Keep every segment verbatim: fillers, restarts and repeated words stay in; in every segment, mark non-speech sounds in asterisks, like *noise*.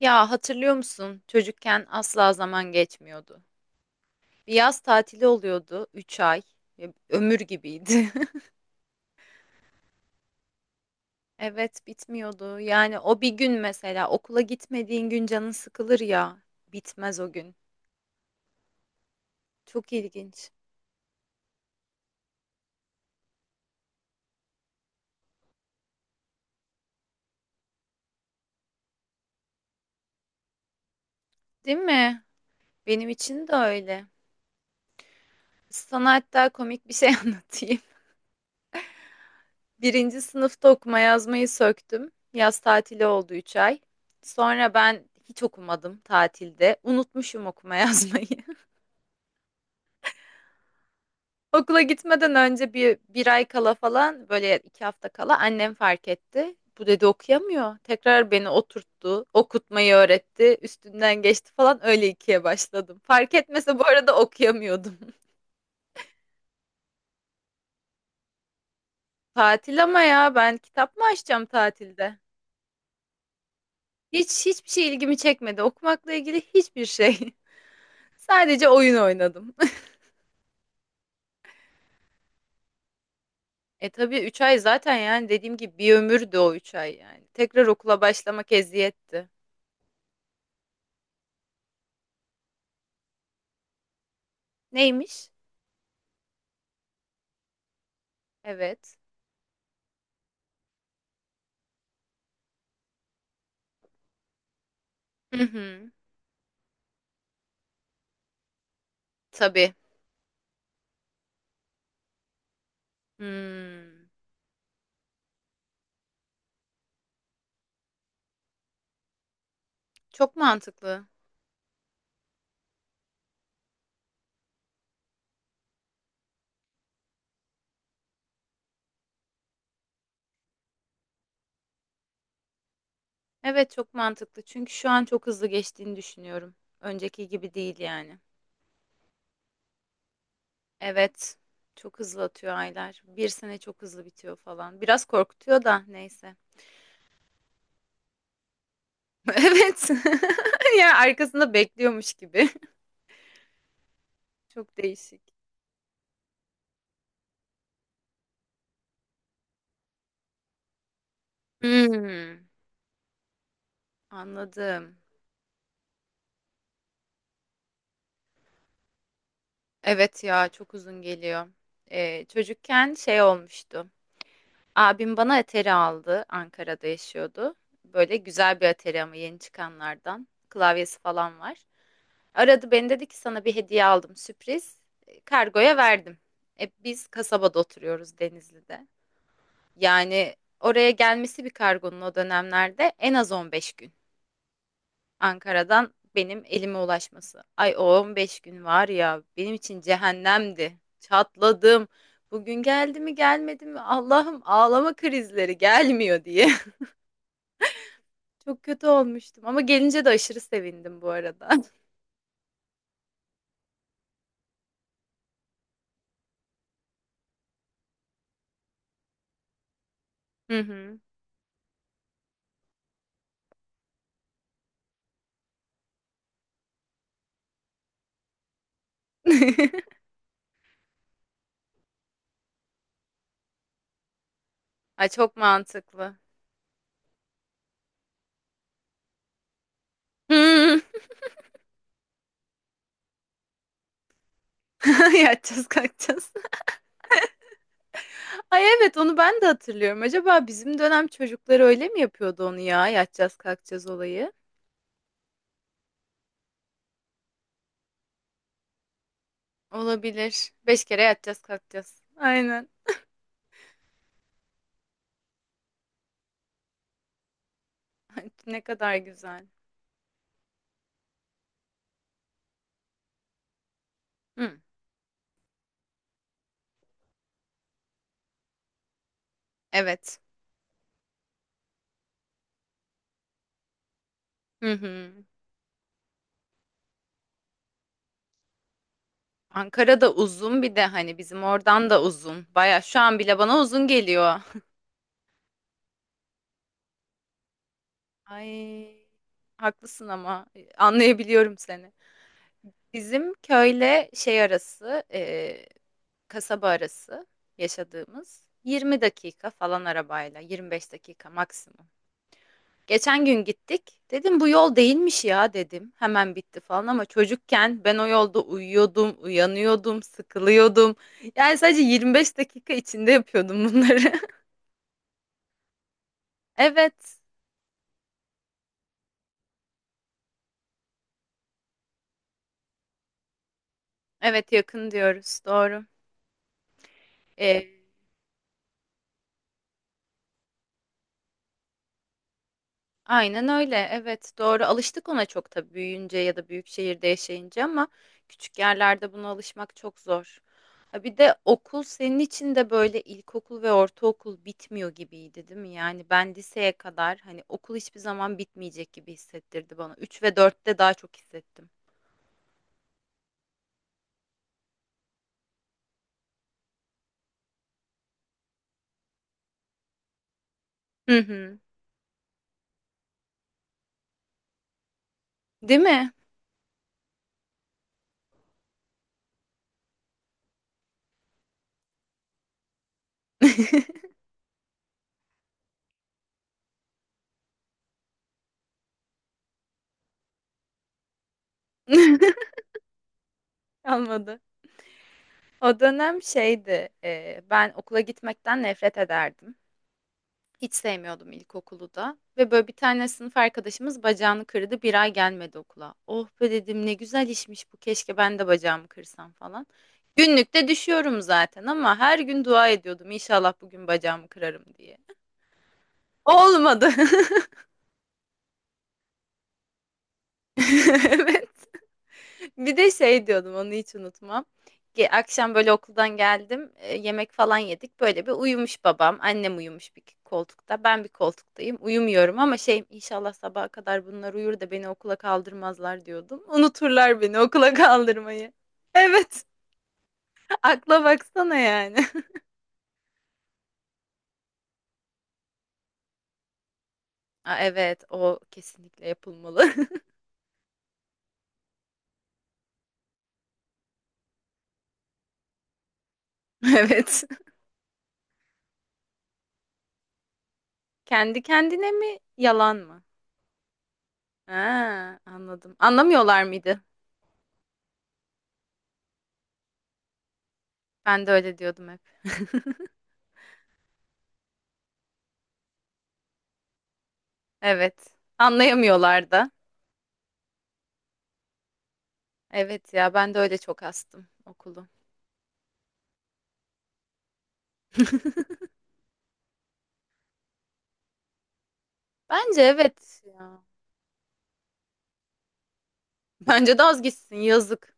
Ya hatırlıyor musun? Çocukken asla zaman geçmiyordu. Bir yaz tatili oluyordu üç ay. Ya, Ömür gibiydi. *laughs* Evet bitmiyordu. Yani o bir gün mesela okula gitmediğin gün canın sıkılır ya. Bitmez o gün. Çok ilginç. Değil mi? Benim için de öyle. Sana hatta komik bir şey *laughs* anlatayım. Birinci sınıfta okuma yazmayı söktüm. Yaz tatili oldu üç ay. Sonra ben hiç okumadım tatilde. Unutmuşum okuma yazmayı. *laughs* Okula gitmeden önce bir, bir ay kala falan böyle iki hafta kala annem fark etti. Bu dedi okuyamıyor. Tekrar beni oturttu, okutmayı öğretti, üstünden geçti falan öyle ikiye başladım. Fark etmese bu arada okuyamıyordum. *laughs* Tatil ama ya ben kitap mı açacağım tatilde? Hiç hiçbir şey ilgimi çekmedi. Okumakla ilgili hiçbir şey. *laughs* Sadece oyun oynadım. *laughs* E tabii üç ay zaten yani dediğim gibi bir ömürdü o üç ay yani. Tekrar okula başlamak eziyetti. Neymiş? Evet. Hı hı. Tabii. Hımm. Çok mantıklı. Evet, çok mantıklı. Çünkü şu an çok hızlı geçtiğini düşünüyorum. Önceki gibi değil yani. Evet. Çok hızlı atıyor aylar. Bir sene çok hızlı bitiyor falan. Biraz korkutuyor da neyse. *laughs* Evet. *laughs* Ya arkasında bekliyormuş gibi. *laughs* Çok değişik. Hımm. Anladım. Evet ya çok uzun geliyor. Ee, çocukken şey olmuştu. Abim bana Atari aldı. Ankara'da yaşıyordu. Böyle güzel bir Atari ama yeni çıkanlardan. Klavyesi falan var. Aradı beni dedi ki sana bir hediye aldım sürpriz. E, Kargoya verdim. E, biz kasabada oturuyoruz Denizli'de. Yani oraya gelmesi bir kargonun o dönemlerde en az on beş gün. Ankara'dan benim elime ulaşması. Ay o on beş gün var ya benim için cehennemdi. Çatladım. Bugün geldi mi gelmedi mi Allah'ım ağlama krizleri gelmiyor diye. Çok kötü olmuştum ama gelince de aşırı sevindim bu arada. *laughs* Hı hı. *laughs* Ay çok mantıklı. Hmm. *laughs* Yatacağız kalkacağız. Ay evet onu ben de hatırlıyorum. Acaba bizim dönem çocukları öyle mi yapıyordu onu ya? Yatacağız kalkacağız olayı. Olabilir. Beş kere yatacağız kalkacağız. Aynen. Ay, Ne kadar güzel. Hı. Evet. Hı hı. Ankara'da uzun bir de hani bizim oradan da uzun. Baya şu an bile bana uzun geliyor. Ay, haklısın ama e, anlayabiliyorum seni. Bizim köyle şey arası, e, kasaba arası yaşadığımız yirmi dakika falan arabayla, yirmi beş dakika maksimum. Geçen gün gittik. Dedim bu yol değilmiş ya dedim. Hemen bitti falan ama çocukken ben o yolda uyuyordum, uyanıyordum, sıkılıyordum. Yani sadece yirmi beş dakika içinde yapıyordum bunları. *laughs* Evet. Evet yakın diyoruz. Doğru. Ee, Aynen öyle. Evet, doğru. Alıştık ona çok tabii büyüyünce ya da büyük şehirde yaşayınca ama küçük yerlerde buna alışmak çok zor. Ha bir de okul senin için de böyle ilkokul ve ortaokul bitmiyor gibiydi, değil mi? Yani ben liseye kadar hani okul hiçbir zaman bitmeyecek gibi hissettirdi bana. Üç ve dörtte daha çok hissettim. Hı hı. Değil mi? *laughs* Kalmadı. O dönem şeydi, e, ben okula gitmekten nefret ederdim. Hiç sevmiyordum ilkokulu da. Ve böyle bir tane sınıf arkadaşımız bacağını kırdı. Bir ay gelmedi okula. Oh be dedim ne güzel işmiş bu. Keşke ben de bacağımı kırsam falan. Günlükte düşüyorum zaten ama her gün dua ediyordum. İnşallah bugün bacağımı kırarım diye. Olmadı. *laughs* Evet. Bir de şey diyordum onu hiç unutmam. Ge- Akşam böyle okuldan geldim e, yemek falan yedik böyle bir uyumuş babam annem uyumuş bir koltukta ben bir koltuktayım uyumuyorum ama şey inşallah sabaha kadar bunlar uyur da beni okula kaldırmazlar diyordum. Unuturlar beni okula kaldırmayı. Evet *laughs* akla baksana yani. *laughs* Aa, evet o kesinlikle yapılmalı. *laughs* Evet kendi kendine mi yalan mı? Ha, anladım anlamıyorlar mıydı? Ben de öyle diyordum hep. *laughs* Evet. Anlayamıyorlar da. Evet ya ben de öyle çok astım okulu. Bence evet ya. *laughs* Bence de az gitsin yazık.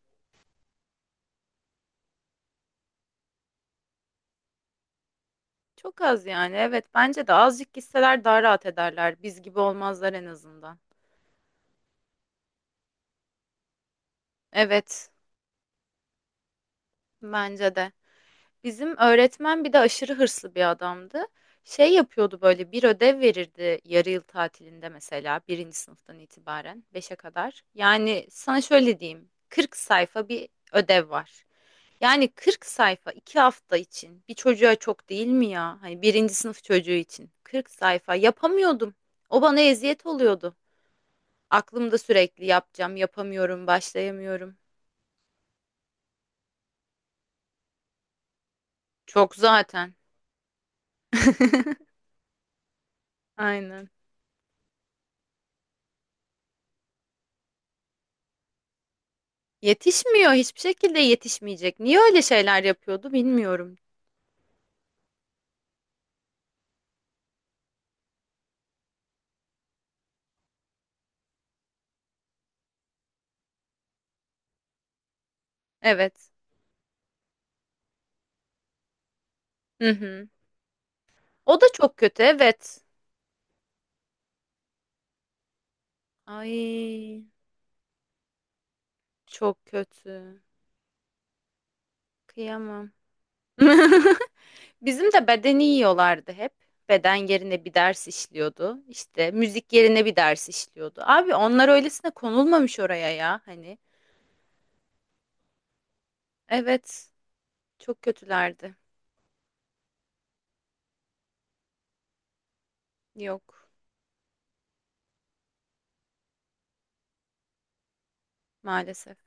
Çok az yani evet bence de azıcık gitseler daha rahat ederler. Biz gibi olmazlar en azından. Evet bence de. Bizim öğretmen bir de aşırı hırslı bir adamdı. Şey yapıyordu böyle bir ödev verirdi yarı yıl tatilinde mesela birinci sınıftan itibaren beşe kadar. Yani sana şöyle diyeyim kırk sayfa bir ödev var. Yani kırk sayfa iki hafta için bir çocuğa çok değil mi ya? Hani birinci sınıf çocuğu için kırk sayfa yapamıyordum. O bana eziyet oluyordu. Aklımda sürekli yapacağım yapamıyorum başlayamıyorum. Çok zaten. *laughs* Aynen. Yetişmiyor hiçbir şekilde yetişmeyecek. Niye öyle şeyler yapıyordu bilmiyorum. Evet. Hı hı. O da çok kötü evet. Ay çok kötü. Kıyamam. *laughs* Bizim de bedeni yiyorlardı hep. Beden yerine bir ders işliyordu. İşte müzik yerine bir ders işliyordu. Abi onlar öylesine konulmamış oraya ya hani. Evet çok kötülerdi. Yok maalesef.